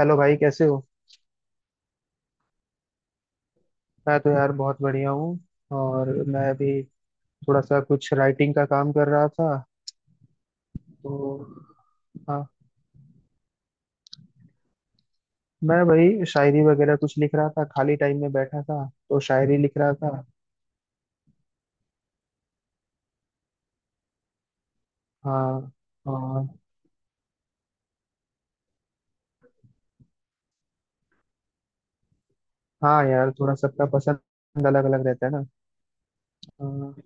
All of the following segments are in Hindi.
हेलो भाई, कैसे हो? मैं तो यार बहुत बढ़िया हूँ। और मैं अभी थोड़ा सा कुछ राइटिंग का काम कर रहा था, तो हाँ। मैं भाई शायरी वगैरह कुछ लिख रहा था, खाली टाइम में बैठा था तो शायरी लिख रहा था। हाँ। और हाँ यार, थोड़ा सबका पसंद अलग अलग रहता है ना। हाँ,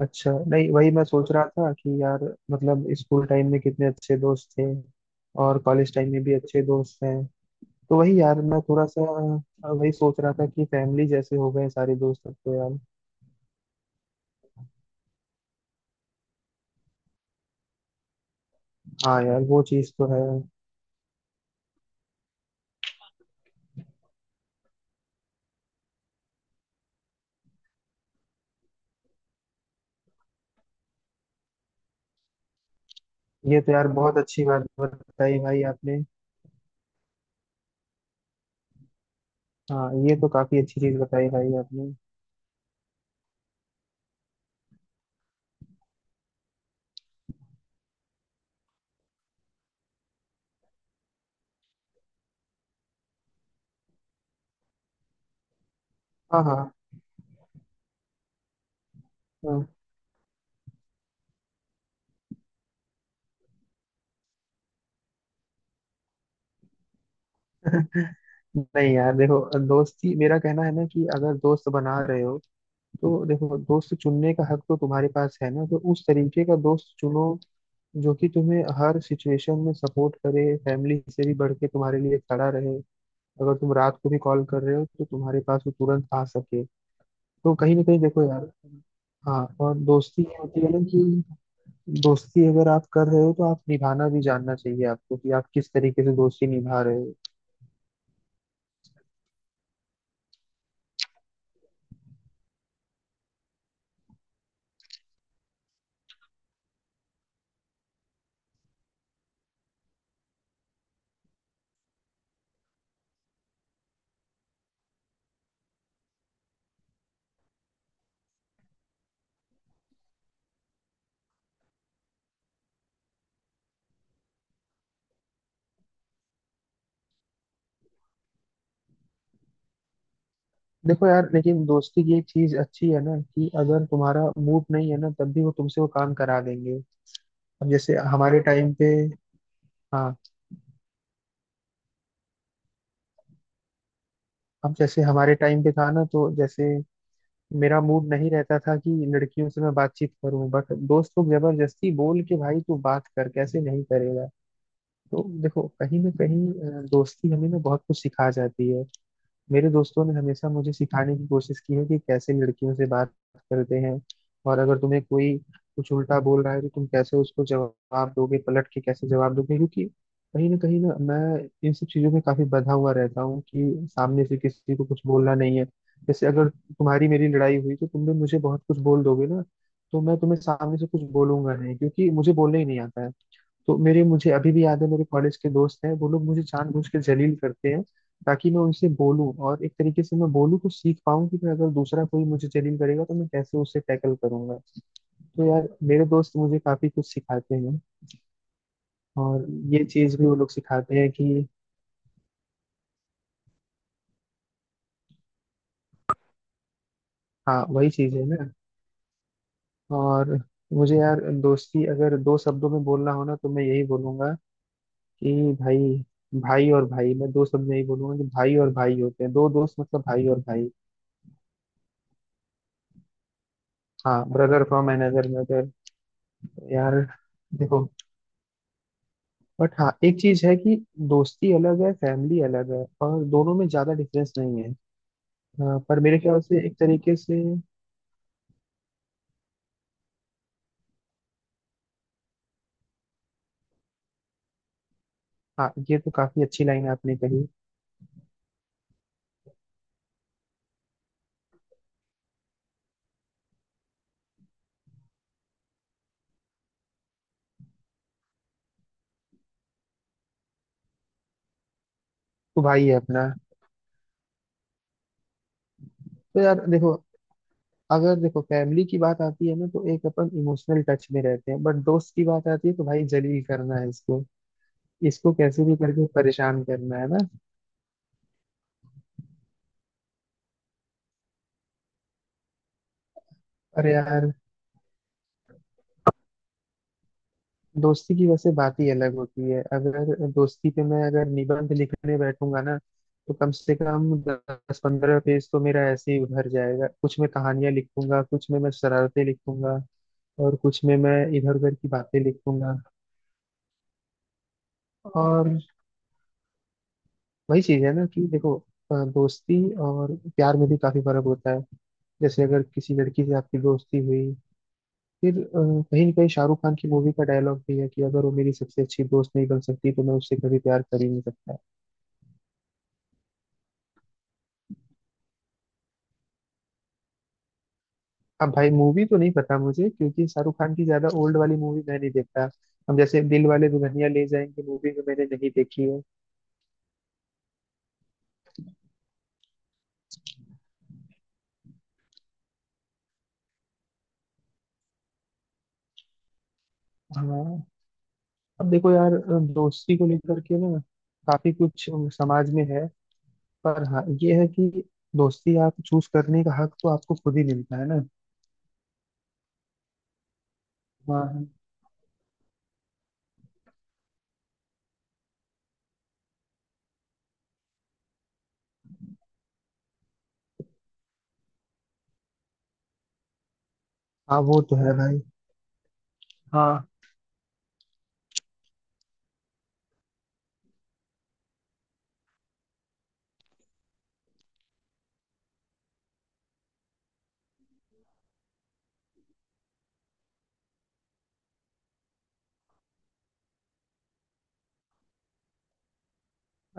अच्छा। नहीं, वही मैं सोच रहा था कि यार, मतलब स्कूल टाइम में कितने अच्छे दोस्त थे, और कॉलेज टाइम में भी अच्छे दोस्त हैं। तो वही यार, मैं थोड़ा सा वही सोच रहा था कि फैमिली जैसे हो गए सारे दोस्त अब तो यार। हाँ यार, वो चीज़ तो है। ये तो यार बहुत अच्छी बात बताई भाई आपने। हाँ, ये तो काफी अच्छी चीज बताई भाई आपने। हाँ, हाँ। हाँ। नहीं यार, देखो, दोस्ती, मेरा कहना है ना कि अगर दोस्त बना रहे हो तो देखो, दोस्त चुनने का हक तो तुम्हारे पास है ना, तो उस तरीके का दोस्त चुनो जो कि तुम्हें हर सिचुएशन में सपोर्ट करे, फैमिली से भी बढ़ के तुम्हारे लिए खड़ा रहे। अगर तुम रात को भी कॉल कर रहे हो तो तुम्हारे पास वो तुरंत आ सके। तो कहीं ना कहीं देखो यार। हाँ, और दोस्ती ये होती है ना कि दोस्ती अगर आप कर रहे हो तो आप निभाना भी जानना चाहिए आपको कि आप किस तरीके से दोस्ती निभा रहे हो। देखो यार, लेकिन दोस्ती की एक चीज अच्छी है ना कि अगर तुम्हारा मूड नहीं है ना तब भी वो तुमसे वो काम करा देंगे। अब जैसे हमारे टाइम पे, हाँ, अब जैसे हमारे टाइम पे था ना, तो जैसे मेरा मूड नहीं रहता था कि लड़कियों से मैं बातचीत करूं, बट दोस्त लोग जबरदस्ती बोल के, भाई तू बात कर, कैसे नहीं करेगा। तो देखो कहीं ना कहीं दोस्ती हमें ना बहुत कुछ सिखा जाती है। मेरे दोस्तों ने हमेशा मुझे सिखाने की कोशिश की है कि कैसे लड़कियों से बात करते हैं, और अगर तुम्हें कोई कुछ उल्टा बोल रहा है तो तुम कैसे उसको जवाब दोगे, पलट के कैसे जवाब दोगे, क्योंकि कहीं ना मैं इन सब चीजों में काफी बंधा हुआ रहता हूँ कि सामने से किसी को कुछ बोलना नहीं है। जैसे अगर तुम्हारी मेरी लड़ाई हुई तो तुमने मुझे बहुत कुछ बोल दोगे ना, तो मैं तुम्हें सामने से कुछ बोलूंगा नहीं क्योंकि मुझे बोलना ही नहीं आता है। तो मेरे, मुझे अभी भी याद है, मेरे कॉलेज के दोस्त हैं, वो लोग मुझे जानबूझ के जलील करते हैं ताकि मैं उनसे बोलूं, और एक तरीके से मैं बोलूं तो सीख पाऊं कि मैं, अगर दूसरा कोई मुझे जलील करेगा तो मैं कैसे उसे टैकल करूंगा। तो यार मेरे दोस्त मुझे काफी कुछ सिखाते हैं। और ये चीज भी वो लोग सिखाते हैं कि हाँ, वही चीज है ना। और मुझे यार दोस्ती अगर दो शब्दों में बोलना हो ना तो मैं यही बोलूंगा कि भाई, भाई और भाई। मैं दो शब्द में यही बोलूंगा कि भाई और भाई होते हैं दो दोस्त, मतलब भाई और भाई। हाँ, ब्रदर फ्रॉम अनदर। यार देखो, बट हाँ एक चीज है कि दोस्ती अलग है, फैमिली अलग है, और दोनों में ज्यादा डिफरेंस नहीं है। हाँ, पर मेरे ख्याल से एक तरीके से, हाँ, ये तो काफी अच्छी लाइन आपने कही। तो भाई है अपना। तो यार देखो, अगर देखो फैमिली की बात आती है ना तो एक अपन इमोशनल टच में रहते हैं, बट दोस्त की बात आती है तो भाई जलील करना है इसको, इसको कैसे भी करके परेशान करना है ना। अरे यार, दोस्ती की वैसे बात ही अलग होती है। अगर दोस्ती पे मैं, अगर निबंध लिखने बैठूंगा ना तो कम से कम दस पंद्रह पेज तो मेरा ऐसे ही भर जाएगा, कुछ मैं कहानियां लिखूंगा, कुछ में मैं शरारतें लिखूंगा, और कुछ में मैं इधर उधर की बातें लिखूंगा। और वही चीज है ना कि देखो, दोस्ती और प्यार में भी काफी फर्क होता है। जैसे अगर किसी लड़की से आपकी दोस्ती हुई फिर कहीं ना कहीं, शाहरुख खान की मूवी का डायलॉग भी है कि अगर वो मेरी सबसे अच्छी दोस्त नहीं बन सकती तो मैं उससे कभी प्यार कर ही नहीं सकता। अब भाई मूवी तो नहीं पता मुझे क्योंकि शाहरुख खान की ज्यादा ओल्ड वाली मूवी मैं नहीं देखता। अब जैसे दिल वाले दुल्हनिया ले जाएंगे मूवी में मैंने नहीं देखी है। हाँ, अब देखो यार, दोस्ती को लेकर के ना काफी कुछ समाज में है, पर हाँ ये है कि दोस्ती आप चूज करने का हक तो आपको खुद ही मिलता है ना। हाँ। हाँ, वो तो है भाई। हाँ।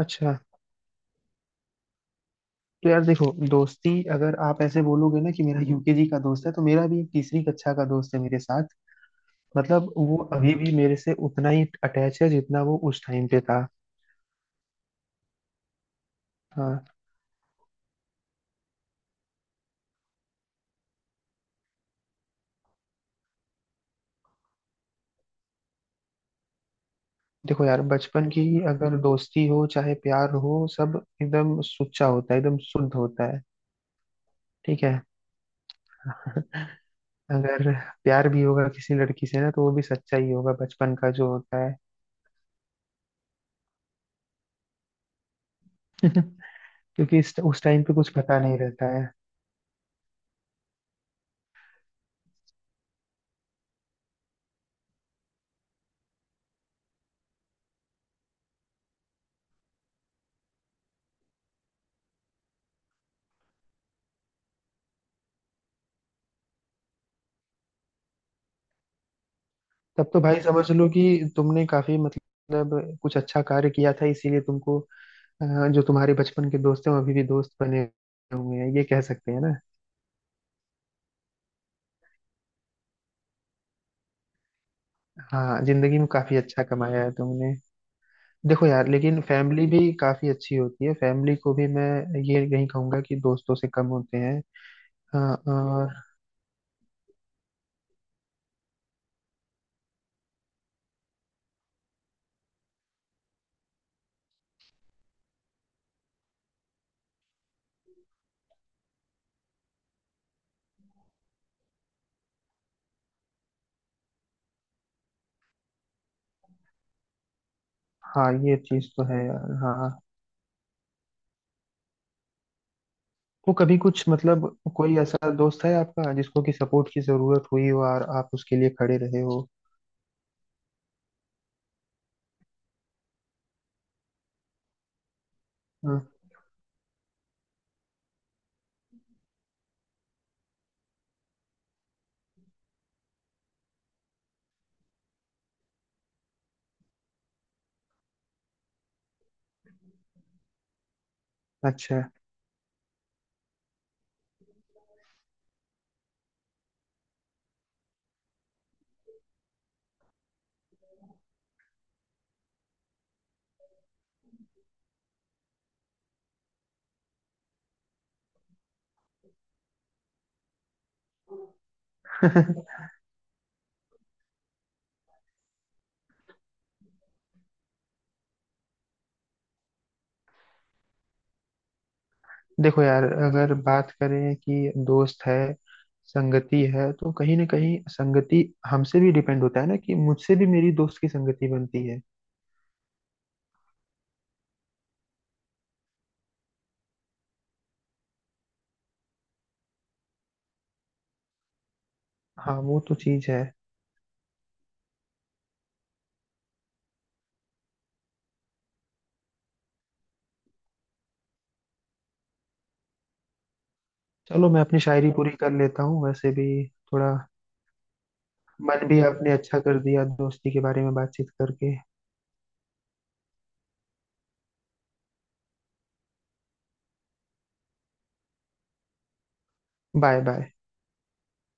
अच्छा, तो यार देखो, दोस्ती अगर आप ऐसे बोलोगे ना कि मेरा यूकेजी का दोस्त है, तो मेरा भी तीसरी कक्षा का दोस्त है मेरे साथ, मतलब वो अभी भी मेरे से उतना ही अटैच है जितना वो उस टाइम पे था। हाँ। देखो यार, बचपन की अगर दोस्ती हो चाहे प्यार हो, सब एकदम सुच्चा होता है, एकदम शुद्ध होता है। ठीक है। अगर प्यार भी होगा किसी लड़की से ना, तो वो भी सच्चा ही होगा, बचपन का जो होता है। क्योंकि उस टाइम पे कुछ पता नहीं रहता है। तब तो भाई समझ लो कि तुमने काफी, मतलब, कुछ अच्छा कार्य किया था, इसीलिए तुमको, जो तुम्हारे बचपन के दोस्त हैं वो अभी भी दोस्त बने हुए हैं, ये कह सकते हैं ना। हाँ, जिंदगी में काफी अच्छा कमाया है तुमने। देखो यार, लेकिन फैमिली भी काफी अच्छी होती है, फैमिली को भी मैं ये नहीं कहूंगा कि दोस्तों से कम होते हैं। हाँ और हाँ, ये चीज तो है यार। हाँ, तो कभी कुछ, मतलब, कोई ऐसा दोस्त है आपका जिसको कि सपोर्ट की जरूरत हुई हो और आप उसके लिए खड़े रहे हो? हाँ, अच्छा। देखो यार, अगर बात करें कि दोस्त है, संगति है, तो कहीं ना कहीं संगति हमसे भी डिपेंड होता है ना, कि मुझसे भी मेरी दोस्त की संगति बनती है। हाँ, वो तो चीज है। चलो मैं अपनी शायरी पूरी कर लेता हूँ वैसे भी। थोड़ा मन भी आपने अच्छा कर दिया दोस्ती के बारे में बातचीत करके। Bye bye.